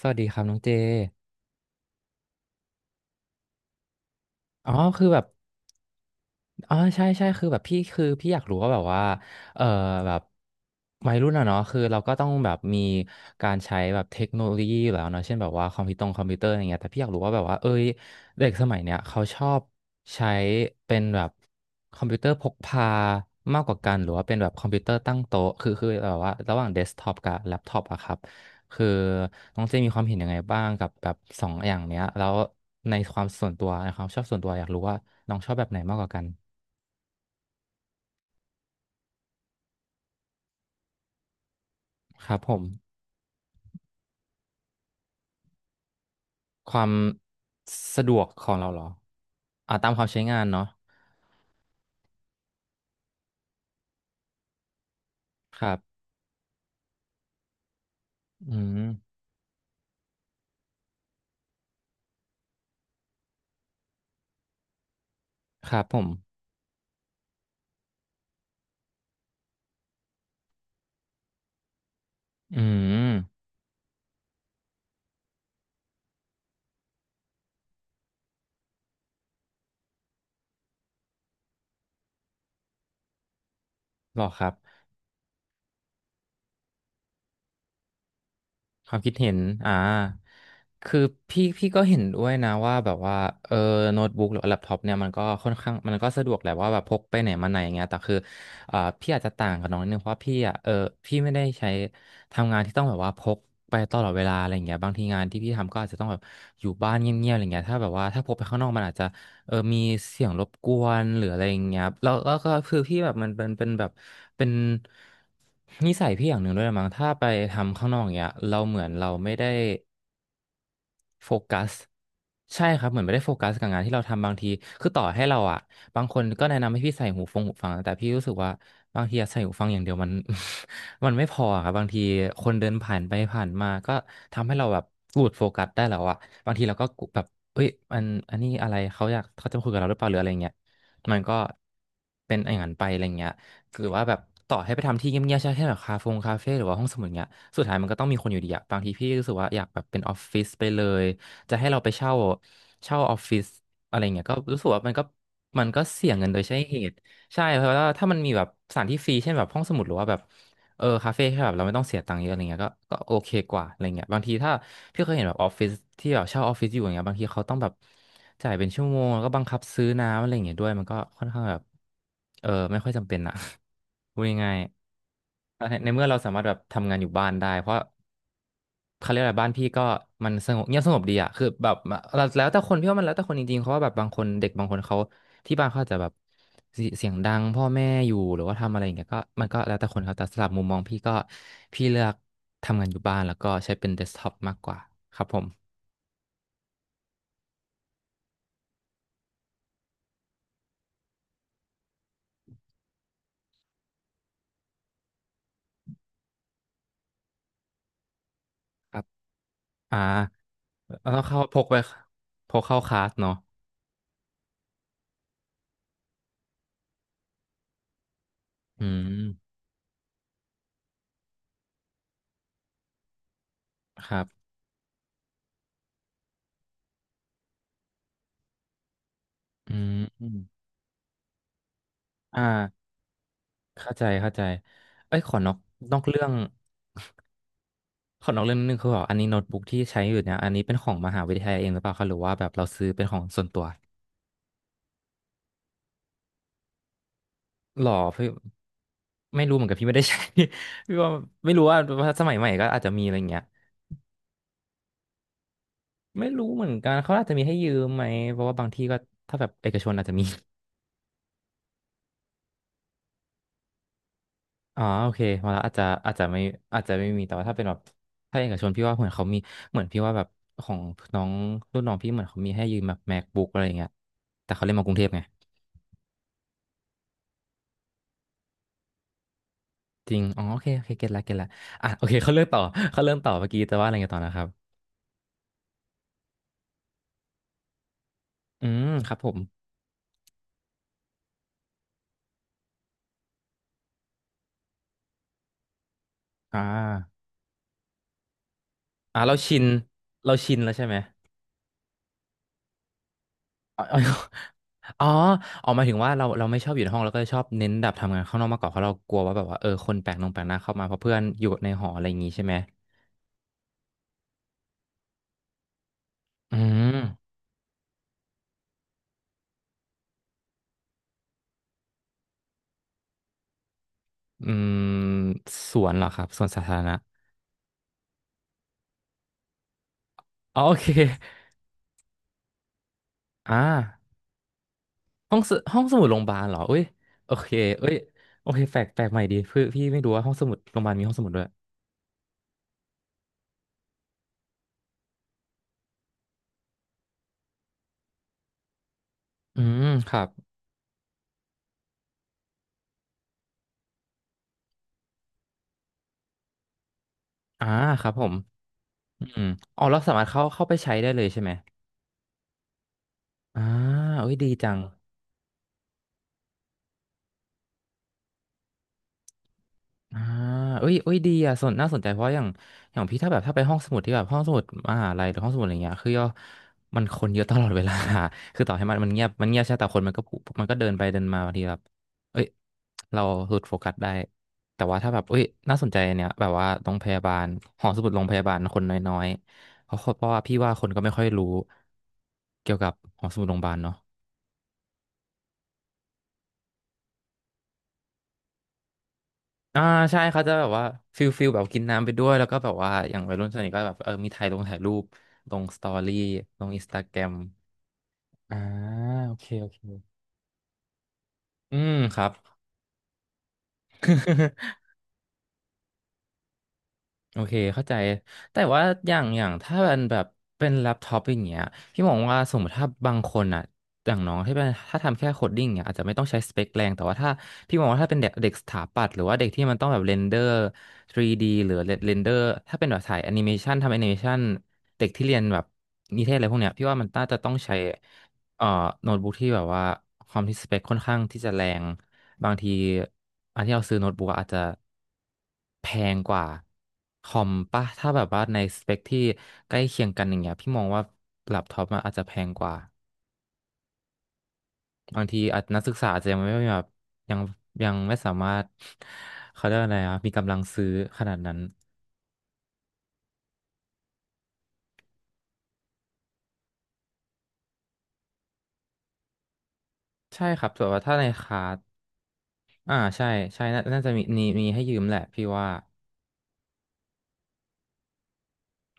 สวัสดีครับน้องเจ อ๋อ คือแบบ อ๋อใช่ใช่คือแบบพี่คือพี่อยากรู้ว่าแบบว่าเออแบบวัยรุ่นอะเนาะคือเราก็ต้องแบบมีการใช้แบบเทคโนโลยีอยู่แล้วเนาะเช่นแบบว่าคอมพิวเตอร์อะไรเงี้ยแต่พี่อยากรู้ว่าแบบว่าเอ้ยเด็กสมัยเนี้ยเขาชอบใช้เป็นแบบคอมพิวเตอร์พกพามากกว่ากันหรือว่าเป็นแบบคอมพิวเตอร์ตั้งโต๊ะคือแบบว่าระหว่างเดสก์ท็อปกับแล็ปท็อปอะครับคือน้องเจมีความเห็นยังไงบ้างกับแบบสองอย่างเนี้ยแล้วในความส่วนตัวในความชอบส่วนตัวอยากรู้ว่าน้องชอบแบบไหนมากกว่ากัน ครับผมความสะดวกของเราเหรออ่าตามความใช้งานเนาะครับอืมครับผมอืมหรอครับความคิดเห็นอ่าคือพี่ก็เห็นด้วยนะว่าแบบว่าเออโน้ตบุ๊กหรือแล็ปท็อปเนี่ยมันก็ค่อนข้างมันก็สะดวกแหละว่าแบบพกไปไหนมาไหนอย่างเงี้ยแต่คืออ่าพี่อาจจะต่างกับน้องนิดนึงเพราะว่าพี่อ่ะเออพี่ไม่ได้ใช้ทำงานที่ต้องแบบว่าพกไปตลอดเวลาอะไรอย่างเงี้ยบางทีงานที่พี่ทำก็อาจจะต้องแบบอยู่บ้านเงียบๆอะไรเงี้ยถ้าแบบว่าถ้าพกไปข้างนอกมันอาจจะ มีเสียงรบกวนหรืออะไรอย่างเงี้ยครับแล้วก็คือพี่แบบมันเป็นแบบเป็นนิสัยพี่อย่างหนึ่งด้วยมั้งถ้าไปทำข้างนอกอย่างเงี้ย เราเหมือนเราไม่ได้ โฟกัสใช่ครับเหมือนไม่ได้โฟกัสกับงานที่เราทำบางทีคือต่อให้เราอ่ะบางคนก็แนะนำให้พี่ใส่หูฟังแต่พี่รู้สึกว่าบางทีอะใส่หูฟังอย่างเดียวมัน มันไม่พออะครับบางทีคนเดินผ่านไปผ่านมาก็ทำให้เราแบบหลุดโฟกัสได้แล้วอ่ะบางทีเราก็แบบเอ้ยมันอันนี้อะไรเขาจะมาคุยกับเราหรือเปล่าหรืออะไรเงี้ยมันก็เป็นอย่างนั้นไปอะไรเงี้ย หรือว่าแบบต่อให้ไปทำที่เงียบๆใช่แค่แบบคาเฟ่หรือว่าห้องสมุดเงี้ยสุดท้ายมันก็ต้องมีคนอยู่ดีอะบางทีพี่รู้สึกว่าอยากแบบเป็นออฟฟิศไปเลยจะให้เราไปเช่าออฟฟิศอะไรเงี้ยก็รู้สึกว่ามันก็เสี่ยงเงินโดยใช้เหตุใช่เพราะว่าถ้ามันมีแบบสถานที่ฟรีเช่นแบบห้องสมุดหรือว่าแบบ เออคาเฟ่ที่แบบเราไม่ต้องเสียตังค์เยอะอะไรเงี้ยก็โอเคกว่าอะไรเงี้ยบางทีถ้าพี่เคยเห็นแบบออฟฟิศที่แบบเช่าออฟฟิศอยู่อย่างเงี้ยบางทีเขาต้องแบบจ่ายเป็นชั่วโมงแล้วก็บังคับซื้อน้ำอะไรเงี้ยด้วยมันก็ค่อนข้างแบบเออไม่ค่อยจำเป็นอะ พูดง่ายๆในในเมื่อเราสามารถแบบทำงานอยู่บ้านได้เพราะเขาเรียกอะไรบ้านพี่ก็มันสงบเงียบสงบดีอะคือแบบเราแล้วแต่คนพี่ว่ามันแล้วแต่คนจริงๆเพราะว่าแบบบางคนเด็กบางคนเขา ที่บ้านเขาอาจจะแบบเสียงดังพ่อแม่อยู่หรือว่าทำอะไรอย่างเงี้ยก็มันก็แล้วแต่คนครับแต่สำหรับมุมมองพี่ก็พี่เลือกทำงานอยู่บ้านแล้วก็ใช้เป็นเดสก์ท็อปมากกว่าครับผมครับอ่าแล้วเข้าพกไปพกเข้าคลาสเนาะอืมครับอืมอืมอ่าเข้าใจเข้าใจเอ้ยนอกเรื่องขอนอกเรื่องนิดนึงคือแบบอันนี้โน้ตบุ๊กที่ใช้อยู่เนี่ยอันนี้เป็นของมหาวิทยาลัยเองหรือเปล่าคะหรือว่าแบบเราซื้อเป็นของส่วนตัว หรอพี่ไม่รู้เหมือนกันพี่ไม่ได้ใช้ พี่ว่าไม่รู้ว่าสมัยใหม่ก็อาจจะมีอะไรเงี้ยไม่รู้เหมือนกันเขาอาจจะมีให้ยืมไหมเพราะว่าบางที่ก็ถ้าแบบเอกชนอาจจะมี อ๋อโอเคมาแล้วอาจจะอาจจะไม่อาจจะไม่มีแต่ว่าถ้าเป็นแบบถ้าเอกชนพี่ว่าเหมือนเขามีเหมือนพี่ว่าแบบของน้องรุ่นน้องพี่เหมือนเขามีให้ยืมแบบ MacBook อะไรอย่างเงี้ยแต่เขาเล่นมากรุงเทพไงจริงอ๋อโอเคโอเคเก็ตละเก็ตละอ่ะโอเค เขาเริ่มต่อเมื่อกี้แต่ว่าอะไรเงี้ยต่อนะครับอืมครับผมอ่า อ่าเราชินเราชินแล้วใช่ไหมอ๋อ อ๋อออกมายถึงว่าเราไม่ชอบอยู่ในห้องเราก็ชอบเน้นแบบทำงานข้างนอกมากกว่าเพราะเรากลัวว่าแบบว่าเออคนแปลกหน้าเข้ามาเพราะเพื่อนอยู่ในหออะไรอย่างงี้ใช่ไหมอืมอืมสวนเหรอครับสวนสาธารณะอ๋อโอเคอ่าห้องสมุดโรงพยาบาลเหรอเอ้ยโอเคเอ้ยโอเคแปลกใหม่ดีพี่ไม่รู้ว่าห้องสมุดโรงพยาบาลมีห้องสมุดด้วยอืมครับอ่าครับผมอืมอ๋อเราสามารถเข้าไปใช้ได้เลยใช่ไหมอ่าเอ้ยดีจัง อ่าเอ้ยดีอ่ะสนน่าสนใจ เพราะอย่างพี่ถ้าแบบถ้าไปห้องสมุดที่แบบห้องสมุดมหาลัยหรือห้องสมุดอะไรเงี้ยคือย่อมันคนเยอะตลอดเวลา คือต่อให้มันเงียบมันเงียบใช่แต่คนมันก็ผูมันก็เดินไปเดินมาบางทีแบบเอ้ย เราหลุดโฟกัสได้ แต่ว่าถ้าแบบเอ้ยน่าสนใจอันเนี้ย แบบว่าโรงพยาบาลหอสมุดโรงพยาบาลคนน้อยๆเพราะว่าพี่ว่าคนก็ไม่ค่อยรู้เกี่ยวกับหอสมุดโรงพยาบาลเนาะ อ่าใช่เขาจะแบบว่าฟิลแบบกินน้ำไปด้วยแล้วก็แบบว่าอย่างวัยรุ่นส่วนใหญ่ก็แบบเออมีถ่ายลงถ่ายรูปลงสตอรี่ลงอินสตาแกรมอ่าโอเคอืมครับ โอเคเข้าใจ แต่ว่าอย่างถ้ามันแบบเป็นแล็ปท็อปอย่างเงี้ยพี่มองว่าสมมติถ้าบางคนอ่ะอย่างน้องที่เป็นถ้าทำแค่โคดดิ้งเนี่ยอาจจะไม่ต้องใช้สเปคแรงแต่ว่าถ้าพี่มองว่าถ้าเป็นเด็กเด็กสถาปัตย์หรือว่าเด็กที่มันต้องแบบเรนเดอร์ 3D หรือเรนเดอร์ถ้าเป็นแบบสายแอนิเมชันทำแอนิเมชันเด็กที่เรียนแบบนิเทศอะไรพวกเนี้ยพี่ว่ามันน่าจะต้องใช้ เอ่อโน้ตบุ๊กที่แบบว่าความที่สเปคค่อนข้างที่จะแรงบางทีอันที่เราซื้อโน้ตบุ๊กอะอาจจะแพงกว่าคอมป่ะถ้าแบบว่าในสเปคที่ใกล้เคียงกันอย่างเงี้ยพี่มองว่าแล็ปท็อปมันอาจจะแพงกว่าบางทีอาจนักศึกษาอาจจะยังไม่แบบยังยังไม่สามารถ เขาเรียกว่าอะไรอะมีกำลังซื้อขนาดนั้นใช่ครับแต่ว่าถ้าในคลาสอ่าใช่น่าจะมีให้ยืมแหละพี่ว่า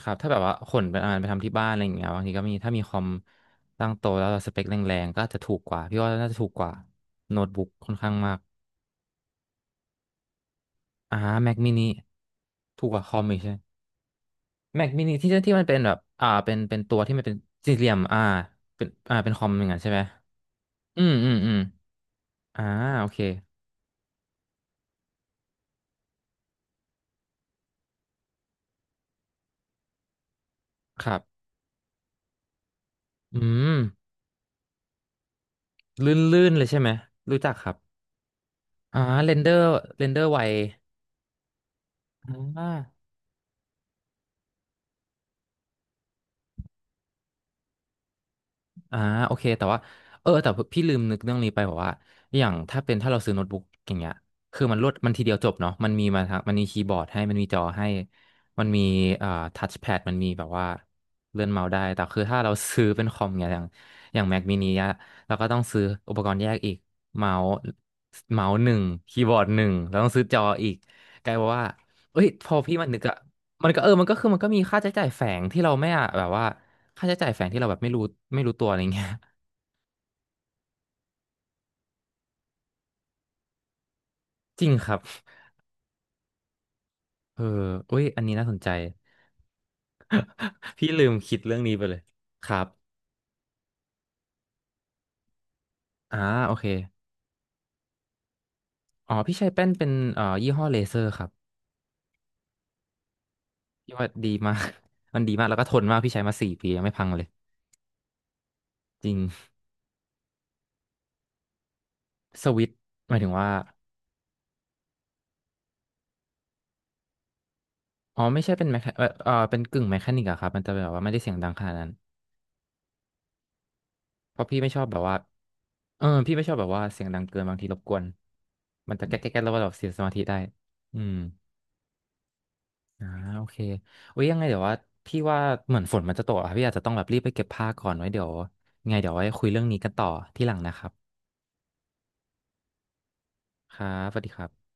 ครับถ้าแบบว่าขนไปอ่านไปทำที่บ้านอะไรอย่างเงี้ยบางทีก็มีถ้ามีคอมตั้งโตะแล้วสเปคแรงๆก็อาจจะถูกกว่าพี่ว่าน่าจะถูกกว่าโน้ตบุ๊กค่อนข้างมากอ่า Mac mini ถูกกว่าคอมอีกใช่ไหม Mac mini ที่มันเป็นแบบอ่าเป็นตัวที่มันเป็นสี่เหลี่ยมอ่าเป็นอ่าเป็นคอมอย่างนั้นใช่ไหมอืมอ่าโอเคครับอืมลื่นๆเลยใช่ไหมรู้จักครับอ่าเรนเดอร์เรนเดอร์ไวอ่า อ่าโอเคแต่ว่าเออแต่พี่ลืมนึกเรื่องนี้ไปบอกว่าอย่างถ้าเป็นถ้าเราซื้อโน้ตบุ๊กอย่างเงี้ยคือมันรวดมันทีเดียวจบเนาะมันมีมาทั้งมันมีคีย์บอร์ดให้มันมีจอให้มันมีอ่าทัชแพดมันมีแบบว่าเลื่อนเมาส์ได้แต่คือถ้าเราซื้อเป็นคอมเงียอย่างอย่าง Mac mini อะเราก็ต้องซื้ออุปกรณ์แยกอีกเมาส์หนึ่งคีย์บอร์ดหนึ่งแล้วต้องซื้อจออีกกลายเป็นว่าเอ้ยพอพี่มันนึกอะมันก็เออมันก็คือมันก็มีค่าใช้จ่ายแฝงที่เราไม่อะแบบว่า ค่าใช้จ่ายแฝงที่เราแบบไม่รู้ไม่รู้ตัวอะไรเงี้ย จริงครับเอออุ้ยอันนี้น่าสนใจ พี่ลืมคิดเรื่องนี้ไปเลยครับอ่าโอเคอ๋อพี่ใช้แป้นเป็นยี่ห้อเลเซอร์ครับพี่ว่าดีมาก มันดีมากแล้วก็ทนมากพี่ใช้มา4 ปียังไม่พังเลยจริงสวิตช์หมายถึงว่าอ๋อไม่ใช่เป็นแมคเป็นกึ่งแมคานิกอะครับมันจะแบบว่าไม่ได้เสียงดังขนาดนั้นเพราะพี่ไม่ชอบแบบว่าเออพี่ไม่ชอบแบบว่าเสียงดังเกินบางทีรบกวนมันจะแก๊กแก๊กแล้วก็แบบเสียสมาธิได้อืม อ่าโอเคอุ้ยยังไงเดี๋ยวว่าพี่ว่าเหมือนฝนมันจะตกอะพี่อาจจะต้องแบบรีบไปเก็บผ้าก่อนไว้เดี๋ยวยังไงเดี๋ยวไว้คุยเรื่องนี้กันต่อที่หลังนะครับครับสวัสดีครับ